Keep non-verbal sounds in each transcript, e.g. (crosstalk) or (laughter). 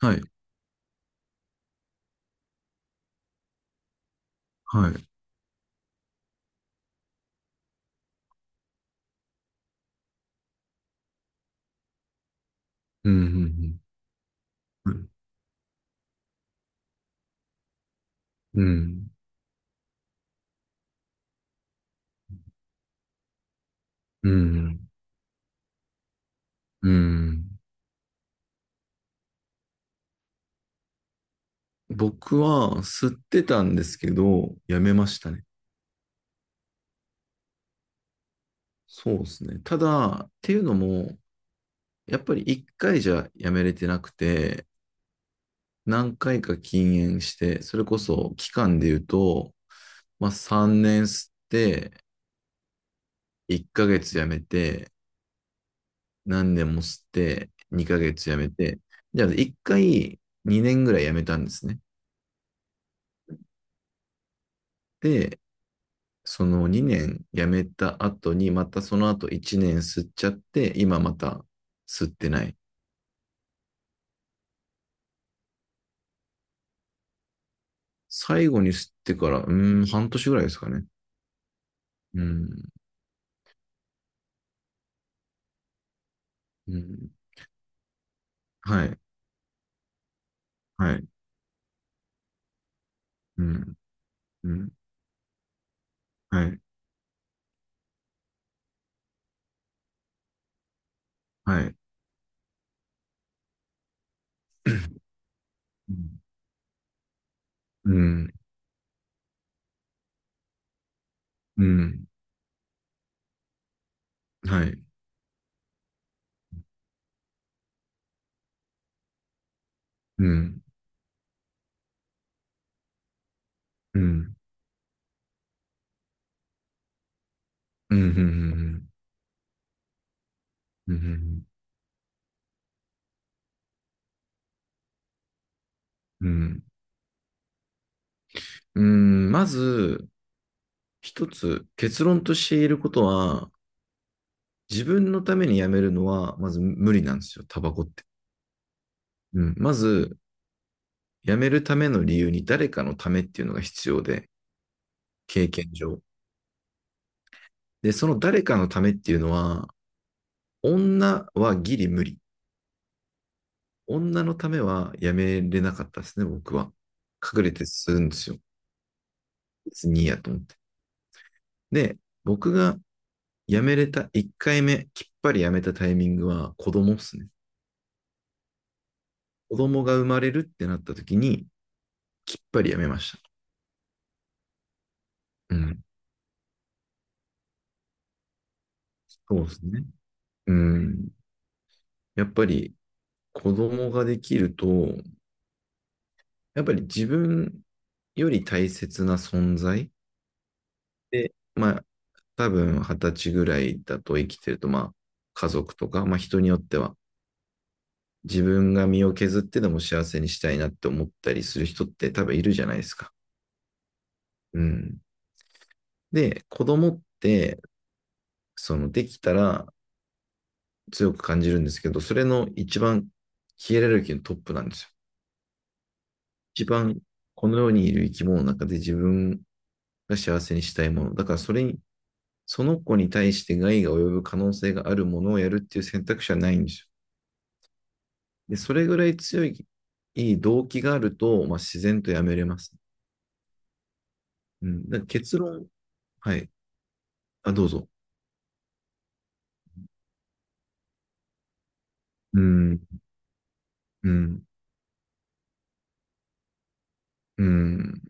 はい、はい。うん、うん、うん、うん。うん。僕は吸ってたんですけど、やめましたね。そうですね。ただ、っていうのも、やっぱり一回じゃやめれてなくて、何回か禁煙して、それこそ期間で言うと、まあ3年吸って、1ヶ月やめて、何年も吸って、2ヶ月やめて、じゃあ1回2年ぐらいやめたんですね。で、その2年辞めた後に、またその後1年吸っちゃって、今また吸ってない。最後に吸ってから、うーん、半年ぐらいですかね。うん、うん。はい、はい。うん、うん。はい、はい。(clears throat) うん、うん。はい。うん、うん、うん、うん、うん、うん、うん、うん。うん。まず、一つ結論として言えることは、自分のためにやめるのは、まず無理なんですよ、タバコって。うん。まず、辞めるための理由に誰かのためっていうのが必要で、経験上。で、その誰かのためっていうのは、女はギリ無理。女のためは辞めれなかったですね、僕は。隠れてするんですよ。別にいいやと思って。で、僕が辞めれた1回目、きっぱり辞めたタイミングは子供っすね。子供が生まれるってなった時に、きっぱり辞めました。うん、そうですね。うん。やっぱり子供ができると、やっぱり自分より大切な存在で、まあ、多分二十歳ぐらいだと生きてると、まあ、家族とか、まあ、人によっては、自分が身を削ってでも幸せにしたいなって思ったりする人って多分いるじゃないですか。うん。で、子供って、その、できたら強く感じるんですけど、それの一番ヒエラルキーのトップなんですよ。一番この世にいる生き物の中で自分が幸せにしたいもの。だからそれにその子に対して害が及ぶ可能性があるものをやるっていう選択肢はないんですよ。で、それぐらい強い動機があると、まあ、自然とやめれます。うん、だから結論、はい。あ、どうぞ。うん、うん、うん。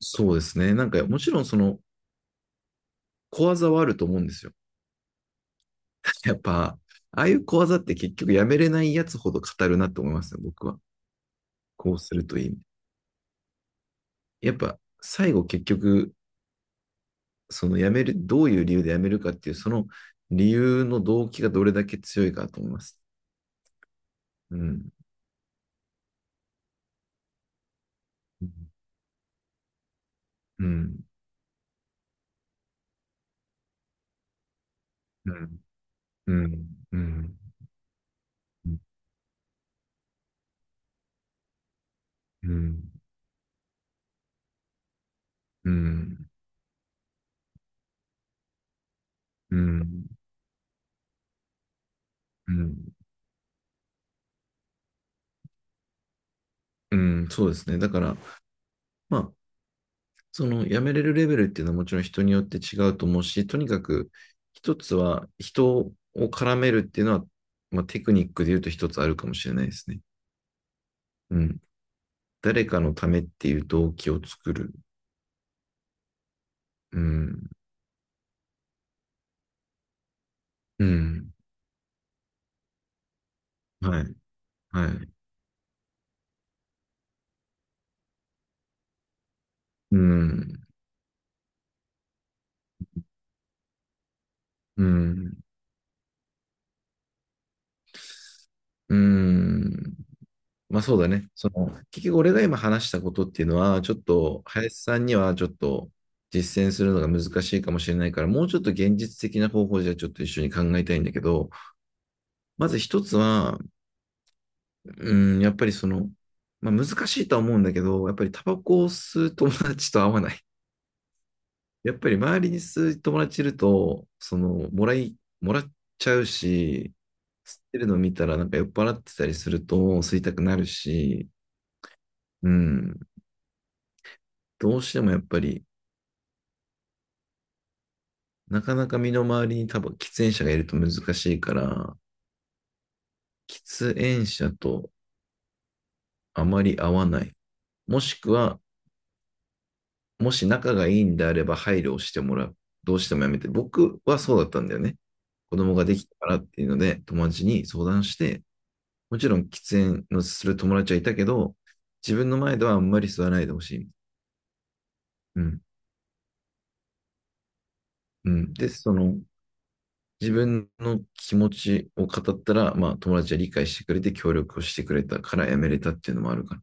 そうですね。なんか、もちろんその、小技はあると思うんですよ。(laughs) やっぱ、ああいう小技って結局やめれないやつほど語るなと思いますね、僕は。こうするといい。やっぱ、最後結局、その辞める、どういう理由で辞めるかっていう、その理由の動機がどれだけ強いかと思います。うん。うん。うん。うん。うん。うん。うん。うん。うん。うん。そうですね。だから、まあ、その辞めれるレベルっていうのはもちろん人によって違うと思うし、とにかく一つは人を絡めるっていうのは、まあ、テクニックで言うと一つあるかもしれないですね。うん。誰かのためっていう動機を作る。うん。うん。はい。はい。うん。うん。うん。まあそうだね。その、結局俺が今話したことっていうのは、ちょっと、林さんにはちょっと実践するのが難しいかもしれないから、もうちょっと現実的な方法じゃちょっと一緒に考えたいんだけど、まず一つは、うん、やっぱりその、まあ難しいとは思うんだけど、やっぱりタバコを吸う友達と合わない。やっぱり周りに数友達いると、その、もらっちゃうし、吸ってるの見たらなんか酔っ払ってたりすると吸いたくなるし、うん、どうしてもやっぱり、なかなか身の回りに多分喫煙者がいると難しいから、喫煙者とあまり合わない。もしくは、もし仲がいいんであれば配慮をしてもらう。どうしてもやめて。僕はそうだったんだよね。子供ができたからっていうので、友達に相談して、もちろん喫煙のする友達はいたけど、自分の前ではあんまり吸わないでほしい。うん。うん。で、その、自分の気持ちを語ったら、まあ、友達は理解してくれて、協力をしてくれたからやめれたっていうのもあるから。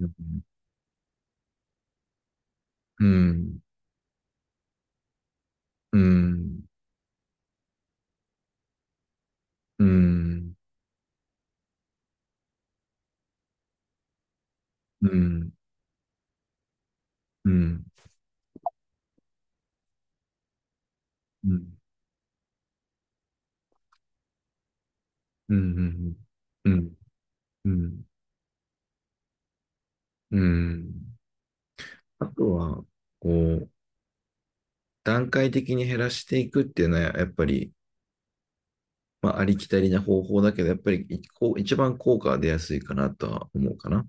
うん。うん。うん。うん。うん。うん。うん。うん。うん。うん。あとは、こう、段階的に減らしていくっていうのは、やっぱり、まあ、ありきたりな方法だけど、やっぱり一こう一番効果が出やすいかなとは思うかな。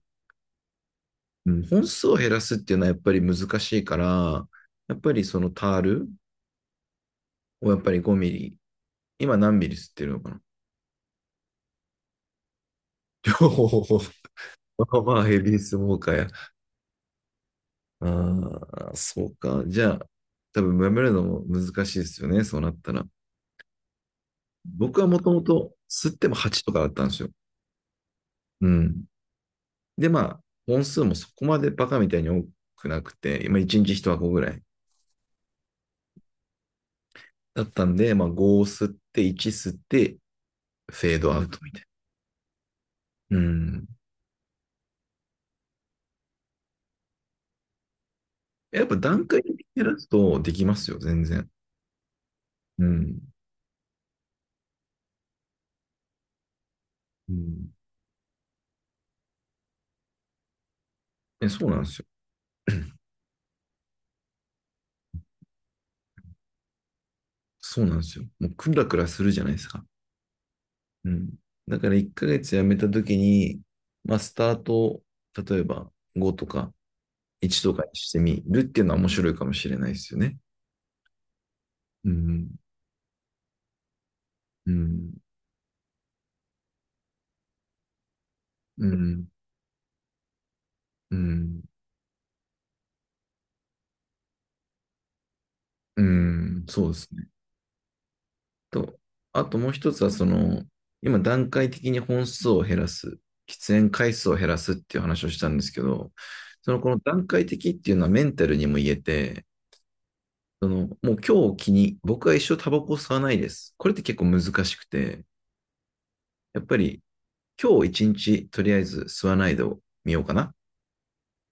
うん、本数を減らすっていうのはやっぱり難しいから、やっぱりそのタールをやっぱり5ミリ、今何ミリ吸ってるのかな？両方。(laughs) まあまあヘビースモーカーや。ああ、そうか。じゃあ、多分やめるのも難しいですよね、そうなったら。僕はもともと吸っても8とかだったんですよ。うん。で、まあ、本数もそこまでバカみたいに多くなくて、今1日1箱ぐらいだったんで、まあ、5を吸って、1吸って、フェードアウトみたいな。うん。やっぱ段階的に減らすとできますよ、全然。うん。うん、そうなんですよ。(clears throat) (laughs) そうなんですよ。もうクラクラするじゃないですか。うん。だから1ヶ月やめた時に、まあ、スタートを、例えば5とか1とかにしてみるっていうのは面白いかもしれないですよね。うん。うん。うん。うん。うん。そうですね。と、あともう一つは、その、今段階的に本数を減らす、喫煙回数を減らすっていう話をしたんですけど、そのこの段階的っていうのはメンタルにも言えて、そのもう今日を機に僕は一生タバコを吸わないです。これって結構難しくて、やっぱり今日一日とりあえず吸わないでを見ようかなっ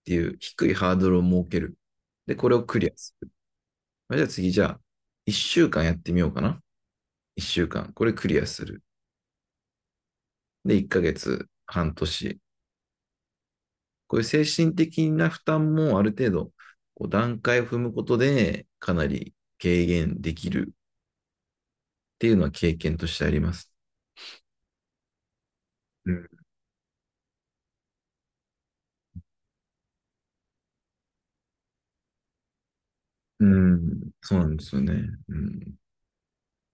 ていう低いハードルを設ける。で、これをクリアする。まあじゃあ次、じゃあ一週間やってみようかな。一週間。これクリアする。で、一ヶ月、半年、こういう精神的な負担もある程度、こう段階を踏むことで、かなり軽減できるっていうのは経験としてあります。うん、うん。そうなんですよね。うん